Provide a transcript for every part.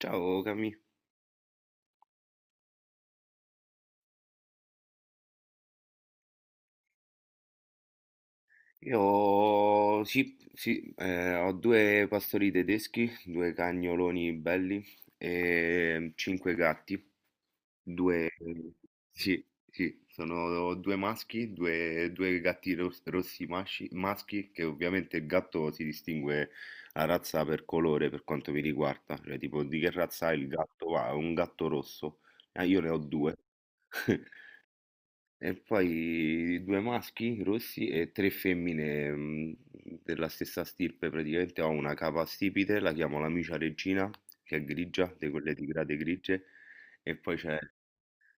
Ciao Cami. Io sì, sì, ho due pastori tedeschi, due cagnoloni belli e cinque gatti, due, sì, sì, sono due maschi, due gatti rossi maschi, che ovviamente il gatto si distingue la razza per colore per quanto mi riguarda, cioè tipo, di che razza è il gatto? Ah, è un gatto rosso. Ah, io ne ho due. E poi due maschi rossi e tre femmine della stessa stirpe, praticamente ho una capa stipite, la chiamo l'amica regina, che è grigia, di quelle tigrate grigie, e poi c'è,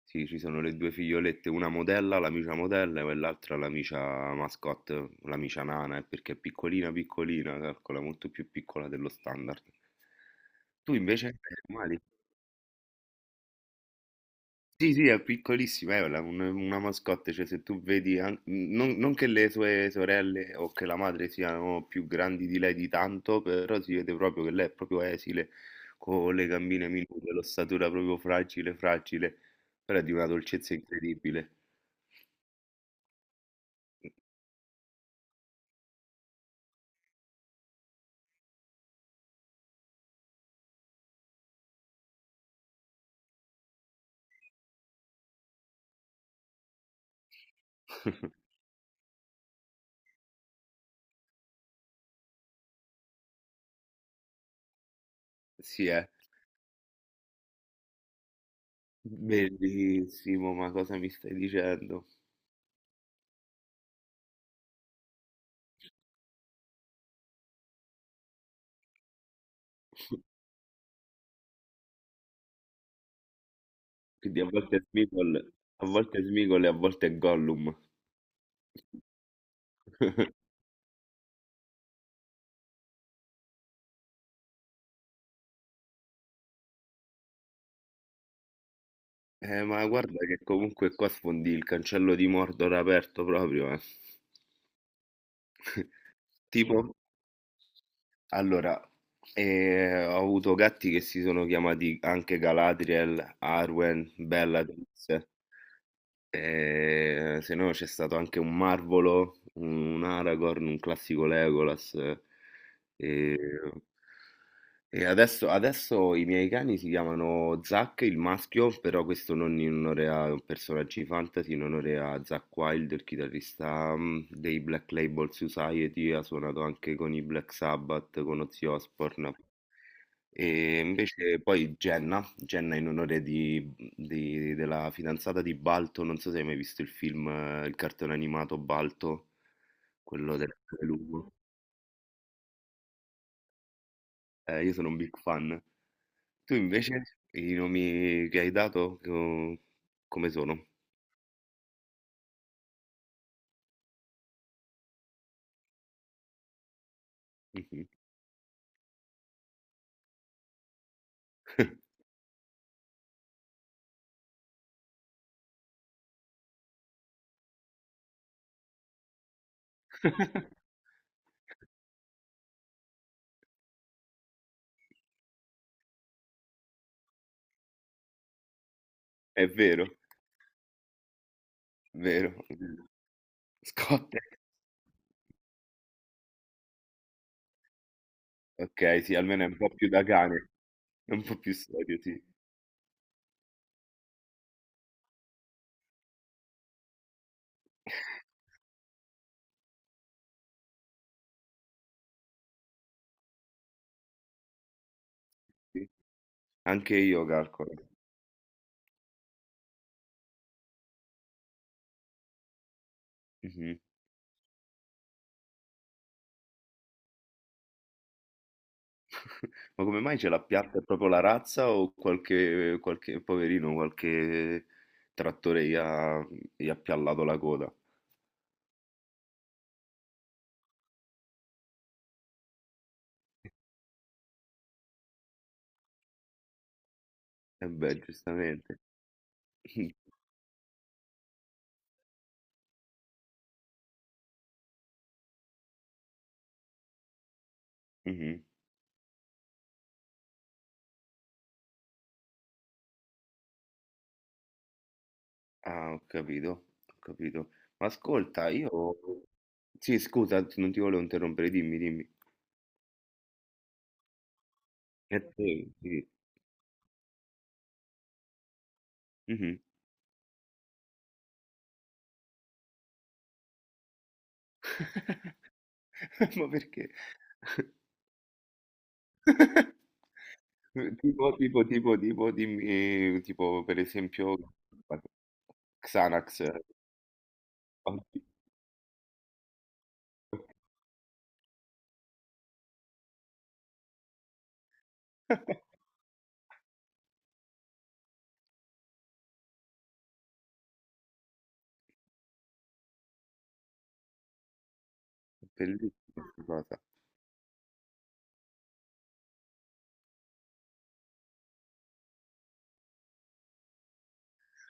sì, ci sono le due figliolette, una modella, l'amica modella, e l'altra l'amica mascotte, l'amica nana, perché è piccolina piccolina, calcola, molto più piccola dello standard. Tu invece hai animali? Sì, sì, è piccolissima, è una mascotte, cioè se tu vedi, non che le sue sorelle o che la madre siano più grandi di lei di tanto, però si vede proprio che lei è proprio esile, con le gambine minute, l'ossatura proprio fragile, fragile, però è di una dolcezza incredibile. Sì, è bellissimo, ma cosa mi stai dicendo? Quindi a volte è Smeagol, a volte è Smeagol e a volte è Gollum. Ma guarda che comunque qua sfondi il cancello di Mordor aperto proprio, eh. Tipo, allora, ho avuto gatti che si sono chiamati anche Galadriel, Arwen, Bellatrix. Se no c'è stato anche un Marvolo, un Aragorn, un classico Legolas. ehm, E adesso i miei cani si chiamano Zack, il maschio, però questo non in onore a personaggi fantasy, in onore a Zack Wild, il chitarrista dei Black Label Society, ha suonato anche con i Black Sabbath, con Ozzy Osbourne. E invece poi Jenna, in onore della fidanzata di Balto, non so se hai mai visto il film, il cartone animato Balto, quello del lupo. Io sono un big fan. Tu invece, i nomi che hai dato, come sono? Mhm. È vero, vero. Scott. Ok, sì, almeno è un po' più da cane, è un po' più serio, sì. Sì. Anche io calcolo. Mhm. Ma come mai ce l'ha piatta? È proprio la razza o qualche poverino, qualche trattore gli ha piallato la coda? E beh, giustamente. Mhm. Ah, ho capito, ho capito. Ma ascolta, io... Sì, scusa, non ti volevo interrompere, dimmi, dimmi. E te, sì. Mhm. Ma perché? Tipo, dimmi, tipo, per esempio, Xanax. Bellissima 'sta cosa.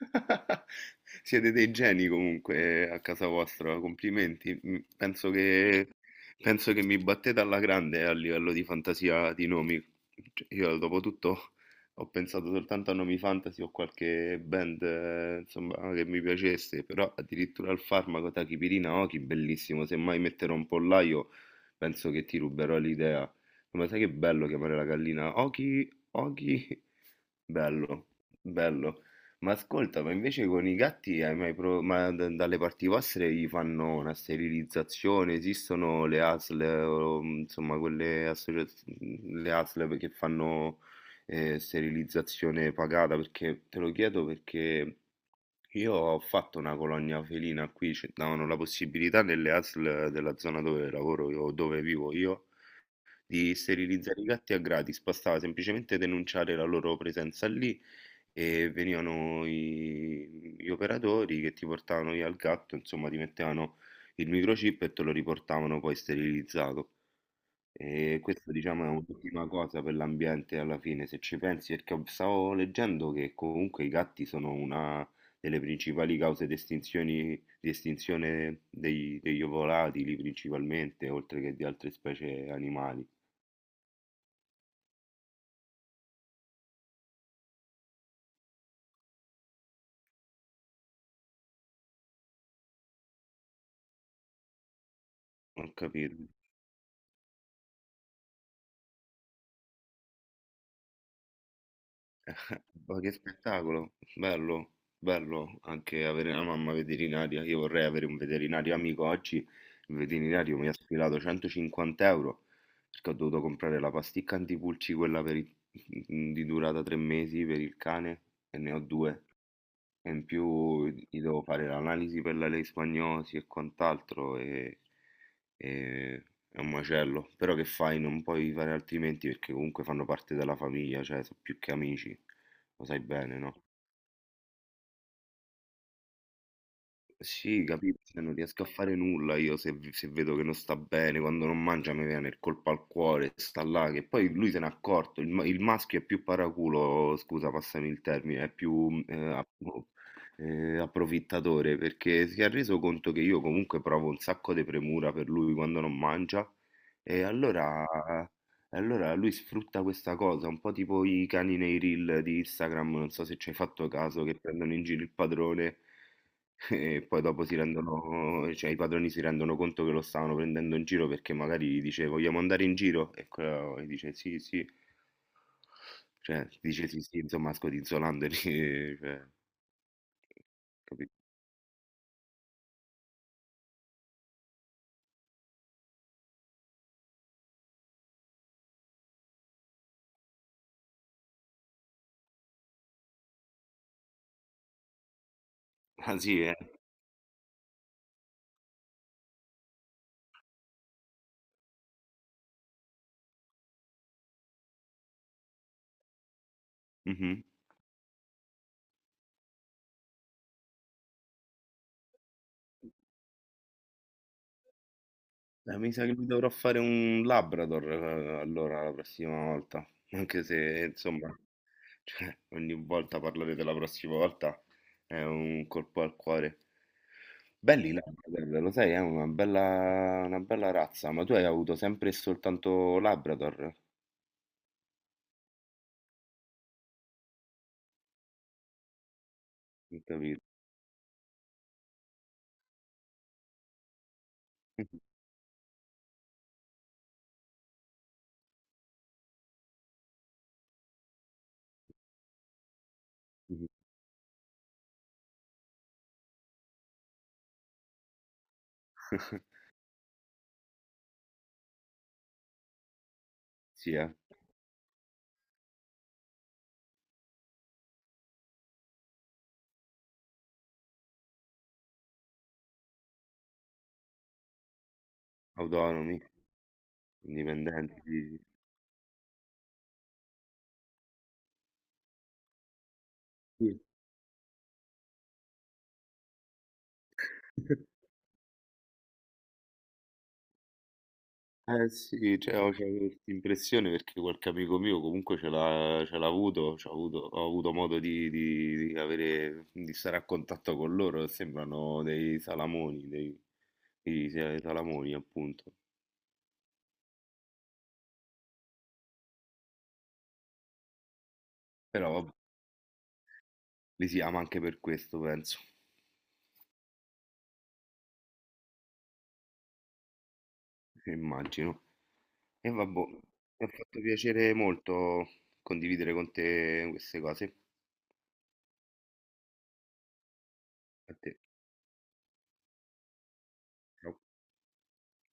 Siete dei geni comunque, a casa vostra, complimenti. Penso che mi battete alla grande, a livello di fantasia di nomi. Cioè, io dopo tutto ho pensato soltanto a nomi fantasy o qualche band, insomma, che mi piacesse, però addirittura al farmaco Tachipirina, Oki, bellissimo. Se mai metterò un pollaio, penso che ti ruberò l'idea. No, ma sai che bello chiamare la gallina Oki, Oki, bello, bello. Ma ascolta, ma invece con i gatti hai mai dalle parti vostre gli fanno una sterilizzazione? Esistono le ASL, o, insomma, quelle associazioni, le ASL che fanno, sterilizzazione pagata? Perché te lo chiedo perché io ho fatto una colonia felina qui, ci davano la possibilità, nelle ASL della zona dove lavoro io, dove vivo io, di sterilizzare i gatti a gratis. Bastava semplicemente denunciare la loro presenza lì e venivano gli operatori che ti portavano via il gatto, insomma, ti mettevano il microchip e te lo riportavano poi sterilizzato. E questa, diciamo, è un'ultima cosa per l'ambiente alla fine, se ci pensi, perché stavo leggendo che comunque i gatti sono una delle principali cause di di estinzione degli ovolatili principalmente, oltre che di altre specie animali. Ho capito. Ma che spettacolo, bello, bello anche avere una mamma veterinaria. Io vorrei avere un veterinario amico oggi. Il veterinario mi ha sfilato 150 euro perché ho dovuto comprare la pasticca antipulci, quella di durata 3 mesi per il cane, e ne ho due. E in più gli devo fare l'analisi per la leishmaniosi e quant'altro, e è un macello. Però che fai? Non puoi fare altrimenti perché comunque fanno parte della famiglia, cioè sono più che amici, lo sai bene, no? Sì, capito, cioè non riesco a fare nulla io se vedo che non sta bene, quando non mangia mi viene il colpo al cuore, sta là, che poi lui se n'è accorto, il maschio è più paraculo, scusa, passami il termine, è più approfittatore, perché si è reso conto che io comunque provo un sacco di premura per lui quando non mangia, e allora lui sfrutta questa cosa, un po' tipo i cani nei reel di Instagram, non so se ci hai fatto caso, che prendono in giro il padrone e poi dopo si rendono, cioè i padroni si rendono conto che lo stavano prendendo in giro, perché magari gli dice vogliamo andare in giro e quello gli dice sì, sì, cioè dice sì, sì, insomma, scodinzolandoli, cioè, capito? Ah sì, eh. Mhm. Mi sa che mi dovrò fare un Labrador, allora, la prossima volta, anche se insomma, cioè, ogni volta parlare della prossima volta è un colpo al cuore. Belli i Labrador, lo sai, è una bella razza, ma tu hai avuto sempre e soltanto Labrador, non capito? Sì, autonomi, indipendenti. Sì. Eh sì, cioè, ho c'ho questa impressione perché qualche amico mio comunque ce l'ha avuto, c'ho avuto, ho avuto modo di, di avere, di stare a contatto con loro, sembrano dei salamoni, dei, sì, sì, dei salamoni appunto, però vabbè, li si ama anche per questo, penso, immagino. E vabbè, mi ha fatto piacere molto condividere con te queste cose. A te. Ciao.